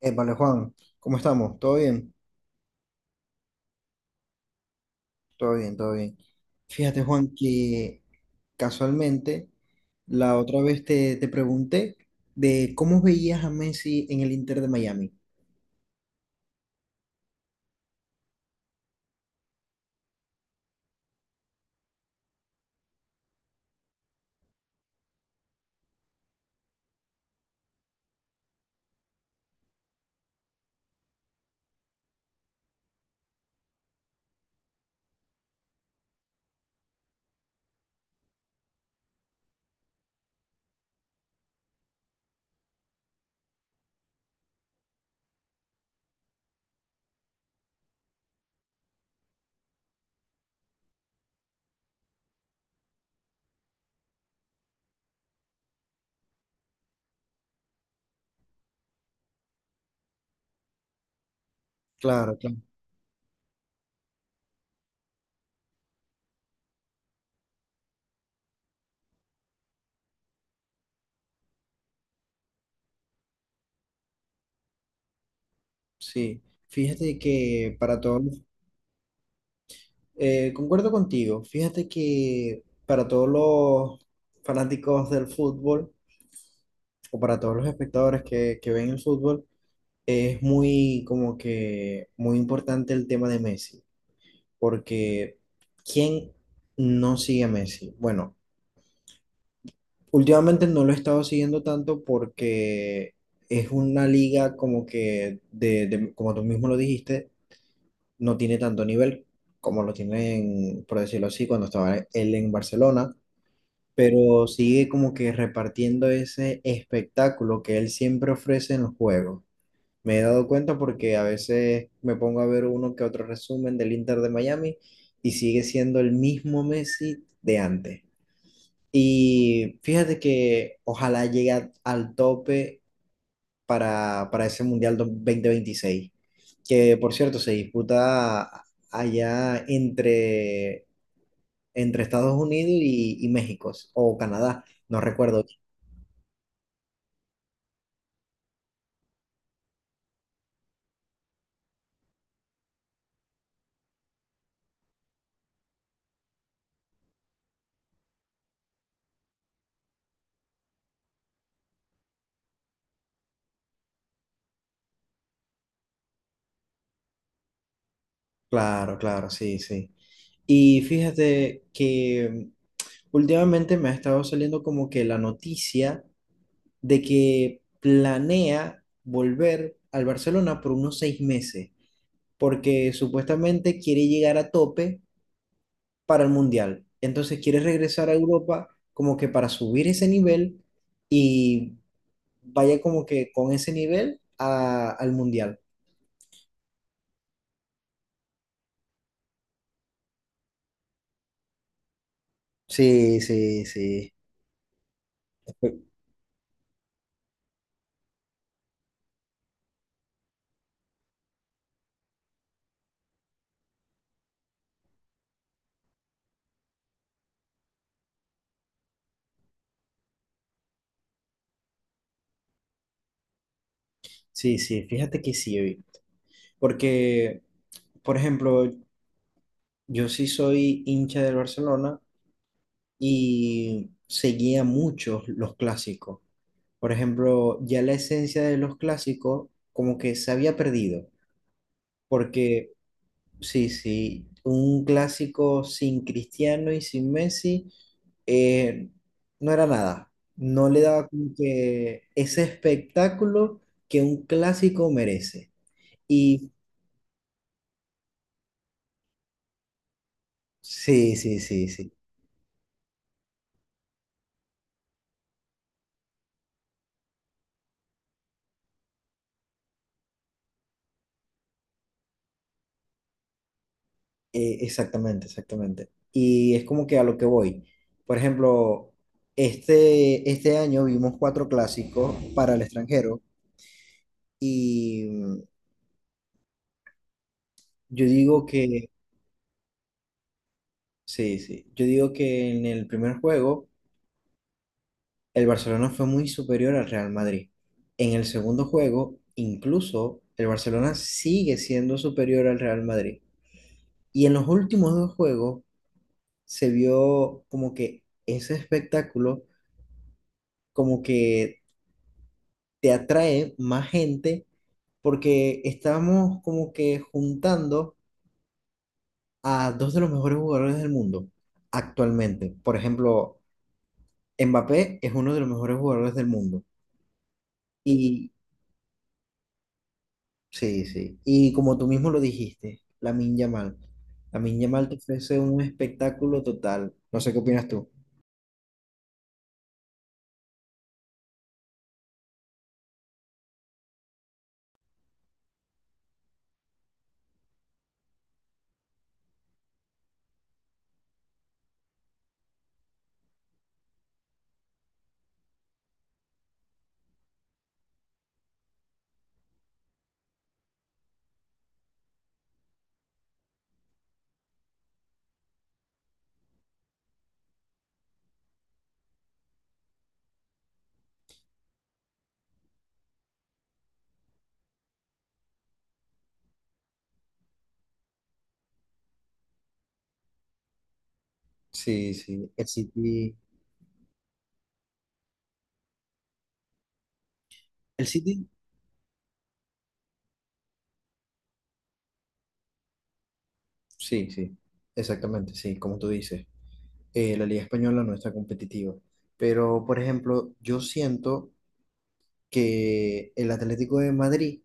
Vale, Juan, ¿cómo estamos? ¿Todo bien? Todo bien, todo bien. Fíjate, Juan, que casualmente la otra vez te pregunté de cómo veías a Messi en el Inter de Miami. Claro, claro. Sí, fíjate que concuerdo contigo, fíjate que para todos los fanáticos del fútbol o para todos los espectadores que ven el fútbol, es muy como que muy importante el tema de Messi, porque ¿quién no sigue a Messi? Bueno, últimamente no lo he estado siguiendo tanto porque es una liga como que, como tú mismo lo dijiste, no tiene tanto nivel como lo tienen, por decirlo así, cuando estaba él en Barcelona, pero sigue como que repartiendo ese espectáculo que él siempre ofrece en los juegos. Me he dado cuenta porque a veces me pongo a ver uno que otro resumen del Inter de Miami y sigue siendo el mismo Messi de antes. Y fíjate que ojalá llegue al tope para ese Mundial 26, que por cierto se disputa allá entre Estados Unidos y México o Canadá, no recuerdo. Claro, claro, sí, sí. Y fíjate que últimamente me ha estado saliendo como que la noticia de que planea volver al Barcelona por unos 6 meses, porque supuestamente quiere llegar a tope para el Mundial. Entonces quiere regresar a Europa como que para subir ese nivel y vaya como que con ese nivel al Mundial. Sí, sí, sí. Sí, sí, fíjate que sí, oí, porque, por ejemplo, yo sí soy hincha del Barcelona, y seguía muchos los clásicos. Por ejemplo, ya la esencia de los clásicos como que se había perdido, porque sí, sí, un clásico sin Cristiano y sin Messi, eh, no era nada, no le daba como que ese espectáculo que un clásico merece. Y sí, sí, sí, sí. Exactamente, exactamente. Y es como que a lo que voy. Por ejemplo, este año vimos cuatro clásicos para el extranjero y yo digo que, sí, sí, yo digo que en el primer juego el Barcelona fue muy superior al Real Madrid. En el segundo juego, incluso el Barcelona sigue siendo superior al Real Madrid. Y en los últimos dos juegos se vio como que ese espectáculo como que te atrae más gente porque estamos como que juntando a dos de los mejores jugadores del mundo actualmente. Por ejemplo, Mbappé es uno de los mejores jugadores del mundo. Y sí, sí. Y como tú mismo lo dijiste, Lamine Yamal. Lamine Yamal te ofrece un espectáculo total. No sé qué opinas tú. Sí, sí. El City. El City. Sí, sí. Exactamente, sí, como tú dices, la liga española no está competitiva. Pero, por ejemplo, yo siento que el Atlético de Madrid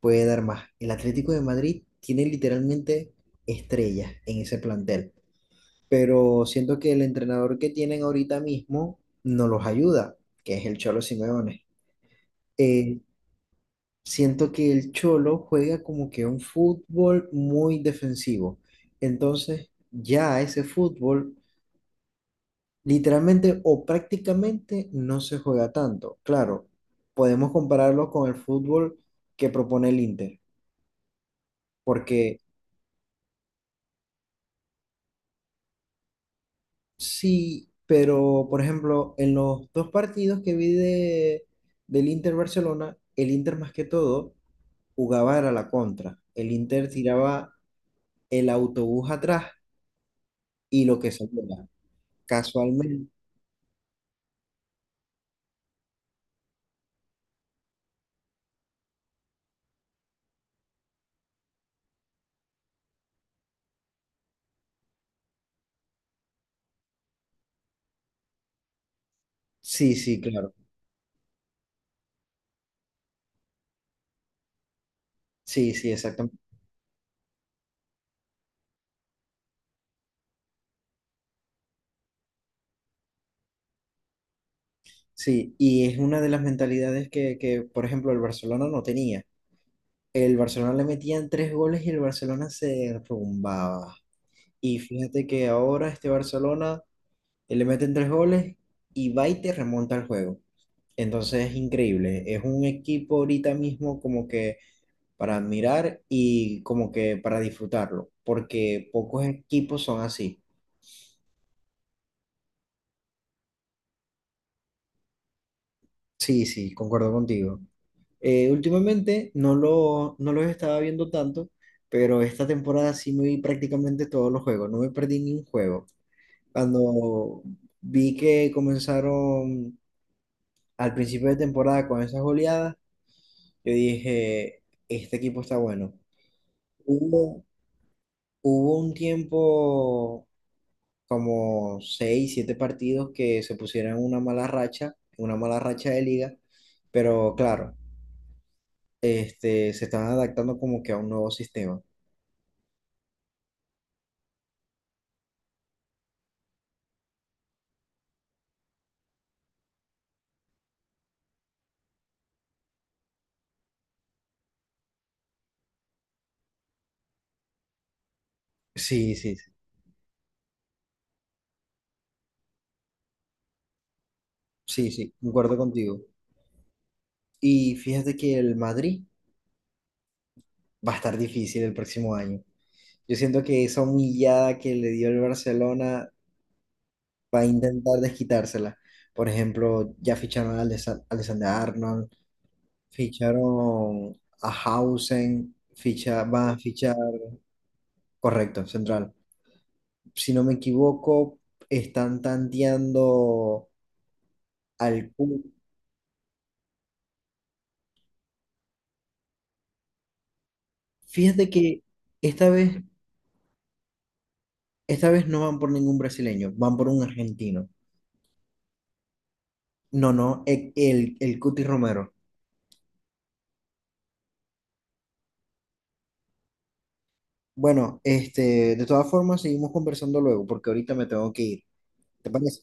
puede dar más. El Atlético de Madrid tiene literalmente estrellas en ese plantel, pero siento que el entrenador que tienen ahorita mismo no los ayuda, que es el Cholo Simeone. Eh, siento que el Cholo juega como que un fútbol muy defensivo. Entonces, ya ese fútbol literalmente o prácticamente no se juega tanto. Claro, podemos compararlo con el fútbol que propone el Inter, porque sí, pero por ejemplo, en los dos partidos que vi del Inter Barcelona, el Inter más que todo jugaba era la contra. El Inter tiraba el autobús atrás y lo que saliera. Casualmente. Sí, sí, claro. Sí, sí, exactamente. Sí, y es una de las mentalidades que, por ejemplo, el Barcelona no tenía. El Barcelona le metían tres goles y el Barcelona se rumbaba. Y fíjate que ahora este Barcelona, le meten tres goles y va y te remonta el juego. Entonces es increíble. Es un equipo ahorita mismo como que para admirar y como que para disfrutarlo, porque pocos equipos son así. Sí, sí, concuerdo contigo. Últimamente no los estaba viendo tanto, pero esta temporada sí me vi prácticamente todos los juegos. No me perdí ni un juego. Cuando vi que comenzaron al principio de temporada con esas goleadas, yo dije, este equipo está bueno. Hubo, hubo un tiempo como seis, siete partidos que se pusieron en una mala racha de liga, pero claro, este, se estaban adaptando como que a un nuevo sistema. Sí, sí, sí, sí, sí, concuerdo contigo. Y fíjate que el Madrid va a estar difícil el próximo año. Yo siento que esa humillada que le dio el Barcelona va a intentar desquitársela. Por ejemplo, ya ficharon a Alexander Arnold, ficharon a Hausen, van a fichar, correcto, central. Si no me equivoco, están tanteando al Kun. Fíjate que esta vez, esta vez no van por ningún brasileño, van por un argentino. No, no, el Cuti Romero. Bueno, este, de todas formas, seguimos conversando luego, porque ahorita me tengo que ir. ¿Te parece?